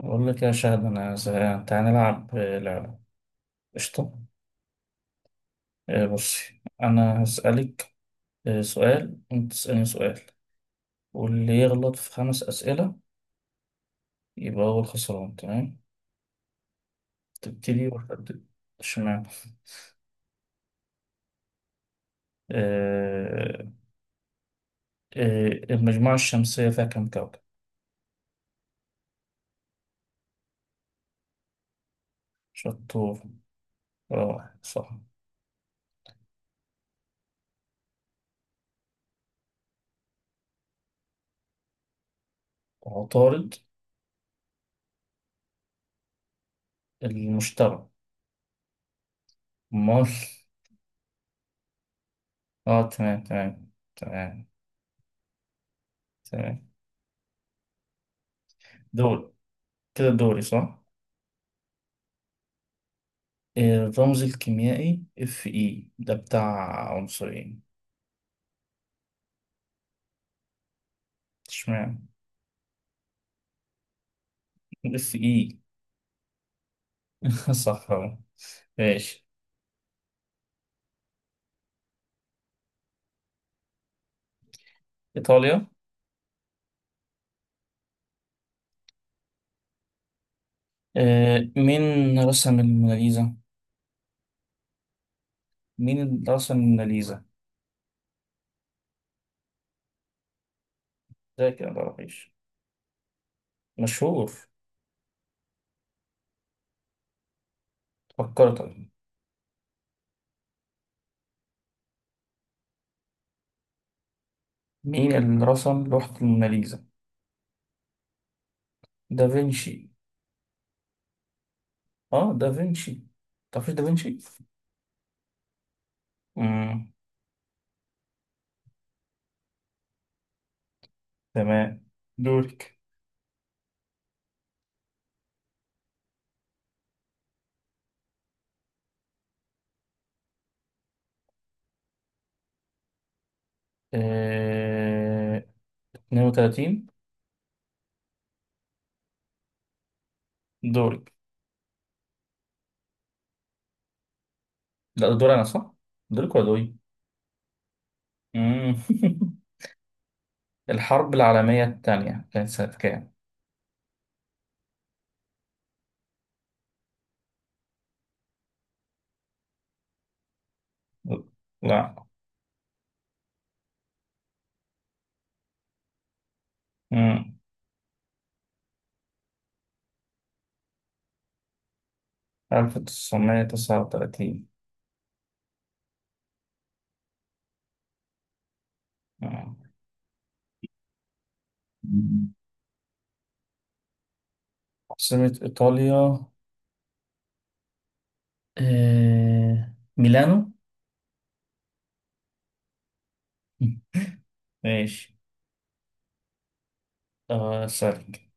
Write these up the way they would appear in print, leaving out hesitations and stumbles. أقول لك يا شاهد، أنا زهقان. تعالى نلعب لعبة. قشطة. بصي أنا هسألك سؤال، وأنت تسألني سؤال. واللي يغلط في خمس أسئلة يبقى هو الخسران. تمام؟ تبتدي ولا أبتدي؟ اشمعنى. آه، المجموعة الشمسية فيها كم كوكب؟ شطور. روعة، صح. عطارد. المشتري. أمال. آه، تمام، تمام. تمام، تمام. دول. كده دوري، صح؟ الرمز الكيميائي اف اي ده بتاع عنصرين. اشمعنى. اف اي. صح أهو. ماشي. ايطاليا. مين رسم الموناليزا. مين اللي رسم الموناليزا؟ ده كده متعرفيش مشهور. فكرت أهو. مين اللي رسم لوحة الموناليزا؟ دافنشي. اه، دافنشي. تعرفيش دافنشي؟ مم. تمام. دورك. آه... 32. دورك. لا، ده دول انا صح. دولك ولا دولي؟ مم. الحرب العالمية الثانية كانت سنة كام؟ لا. مم. 1939. مم. عاصمة إيطاليا ميلانو. مم. ماشي. سألك.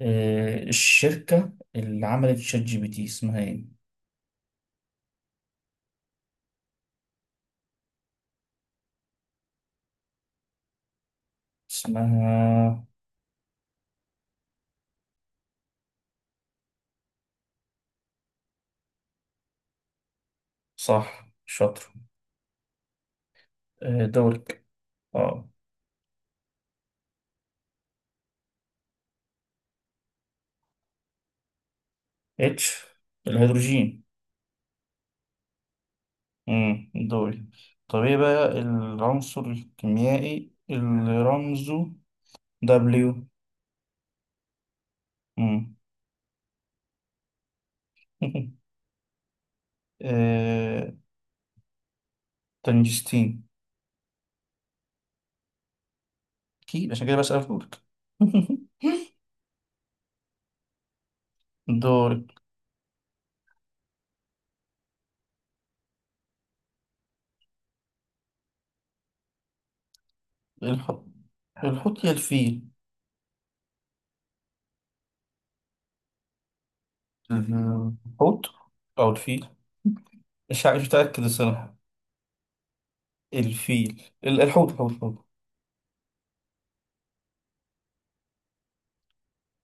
الشركة اللي عملت شات جي بي تي اسمها ايه؟ اسمها. صح، شاطر. دورك. اه. اتش. الهيدروجين. دوري. طب ايه بقى العنصر الكيميائي اللي رمزه دبليو؟ امم. آه... تنجستين. اكيد، عشان كده بسأل لك. دوري. الحوت. الحوت يا الفيل. الحوت او الفيل. مش متأكد الصراحة. الحوت، الحوت، الحوت.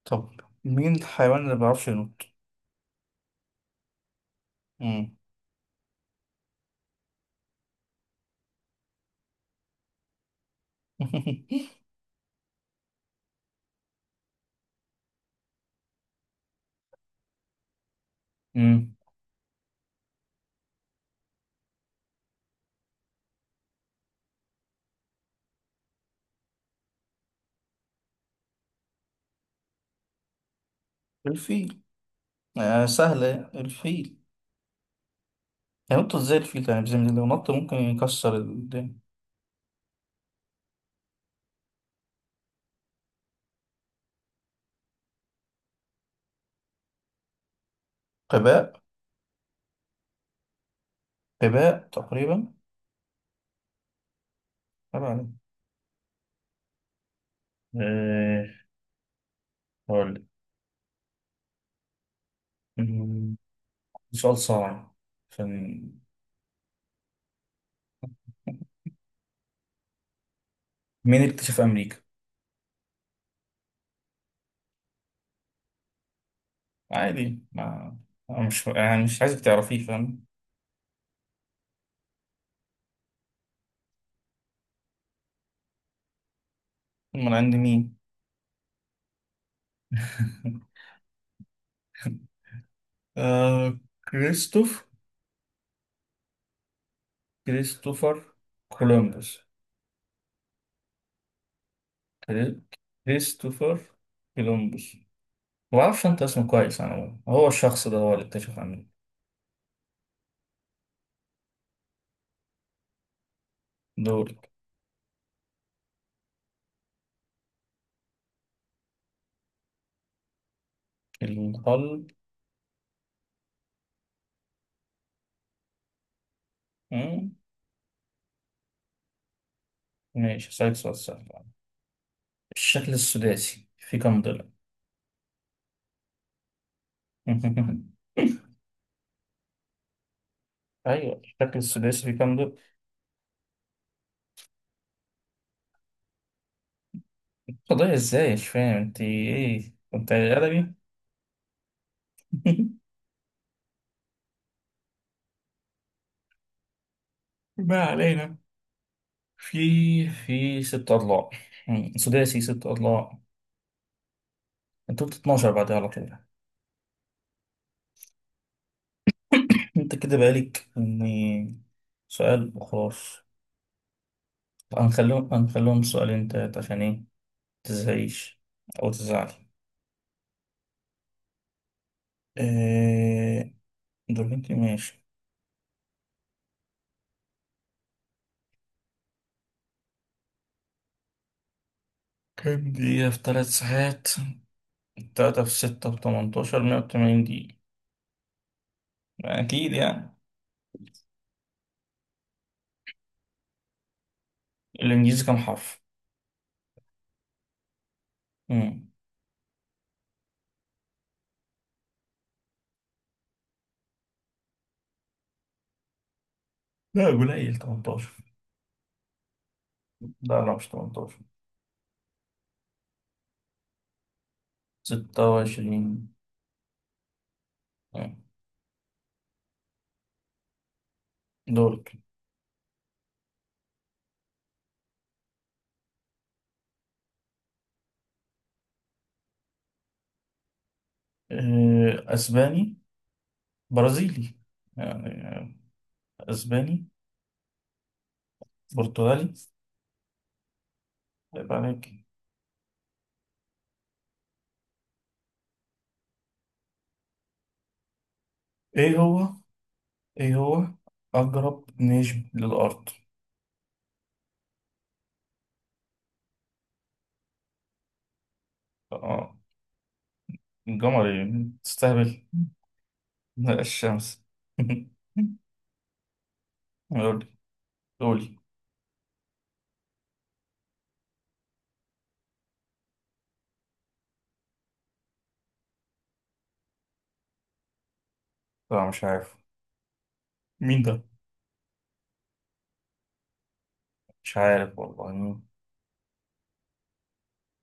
طب، مين الحيوان اللي ما بيعرفش ينط؟ امم. امم. الفيل. آه، سهلة، الفيل. ينط ازاي الفيل ده؟ يعني بزي لو نط ممكن يكسر الدنيا. قباء. قباء تقريبا. قباء عليه. إيه، هقول لك. أمم، سؤال صعب. عشان مين اكتشف أمريكا؟ عادي. ما أنا مش، يعني مش عايزك تعرفيه، فاهم؟ أمال عند مين؟ آه... كريستوف كريستوفر كولومبوس. كري- كريستوفر كولومبوس. ما أعرفش أنت اسمه كويس. أنا هو، الشخص ده هو اللي اكتشف أمريكا. دول. القلب. مم. ماشي، هسألك سؤال سهل. الشكل السداسي في كم ضلع؟ أيوه، الشكل السداسي في كم ضلع؟ قضية إزاي؟ مش فاهم أنت إيه؟ أنت أدبي؟ ما علينا. في في ست أضلاع. مم. سداسي ست أضلاع. أنت قلت 12 بعدها على طول. أنت كده بقالك إني سؤال وخلاص. هنخليهم هنخليهم سؤالين تلاتة، عشان إيه؟ متزهقيش أو تزعلي. أه... دول. أنت ماشي. كام دقيقة في 3 ساعات؟ تلاتة في ستة في 18. 180 دقيقة. أكيد يعني. الإنجليزي كام حرف؟ مم. لا، قليل 18. لا، لا، مش 18. 26. مم. دول. أسباني. برازيلي يعني. أسباني. برتغالي. طيب، عليك. إيه هو. إيه هو أقرب نجم للأرض؟ آه. القمر إيه؟ تستهبل. لا، الشمس. قولي. قولي. لا، مش عارف. مين ده؟ مش عارف والله مين.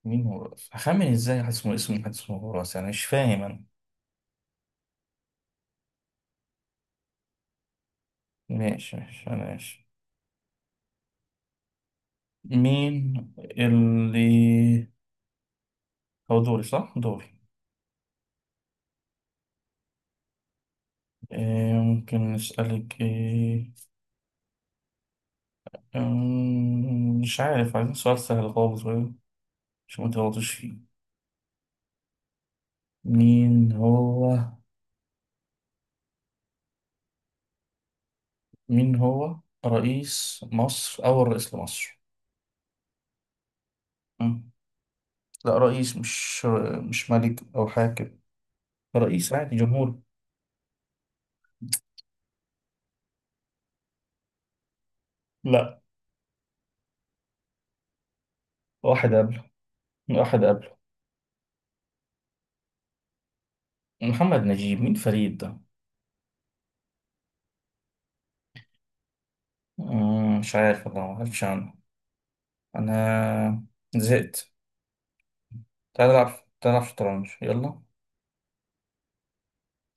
مين هو هخمن ازاي؟ حد اسمه حد اسمه هوراس، يعني مش فاهم انا. ماشي، ماشي، ماشي. مين اللي. هو دوري، صح؟ دوري. إيه ممكن نسألك ايه. مش عارف. عايزين سؤال سهل خالص بقى، عشان ما تغلطش فيه. مين هو. مين هو رئيس مصر، أول رئيس لمصر؟ أمم، لا، رئيس. مش ملك أو حاكم. رئيس عادي، جمهور. لا. واحد قبله. واحد قبله. محمد نجيب. مين فريد ده؟ مش عارف والله، ما عارفش عنه. انا زهقت. تعال العب. تعال العب شطرنج، يلا.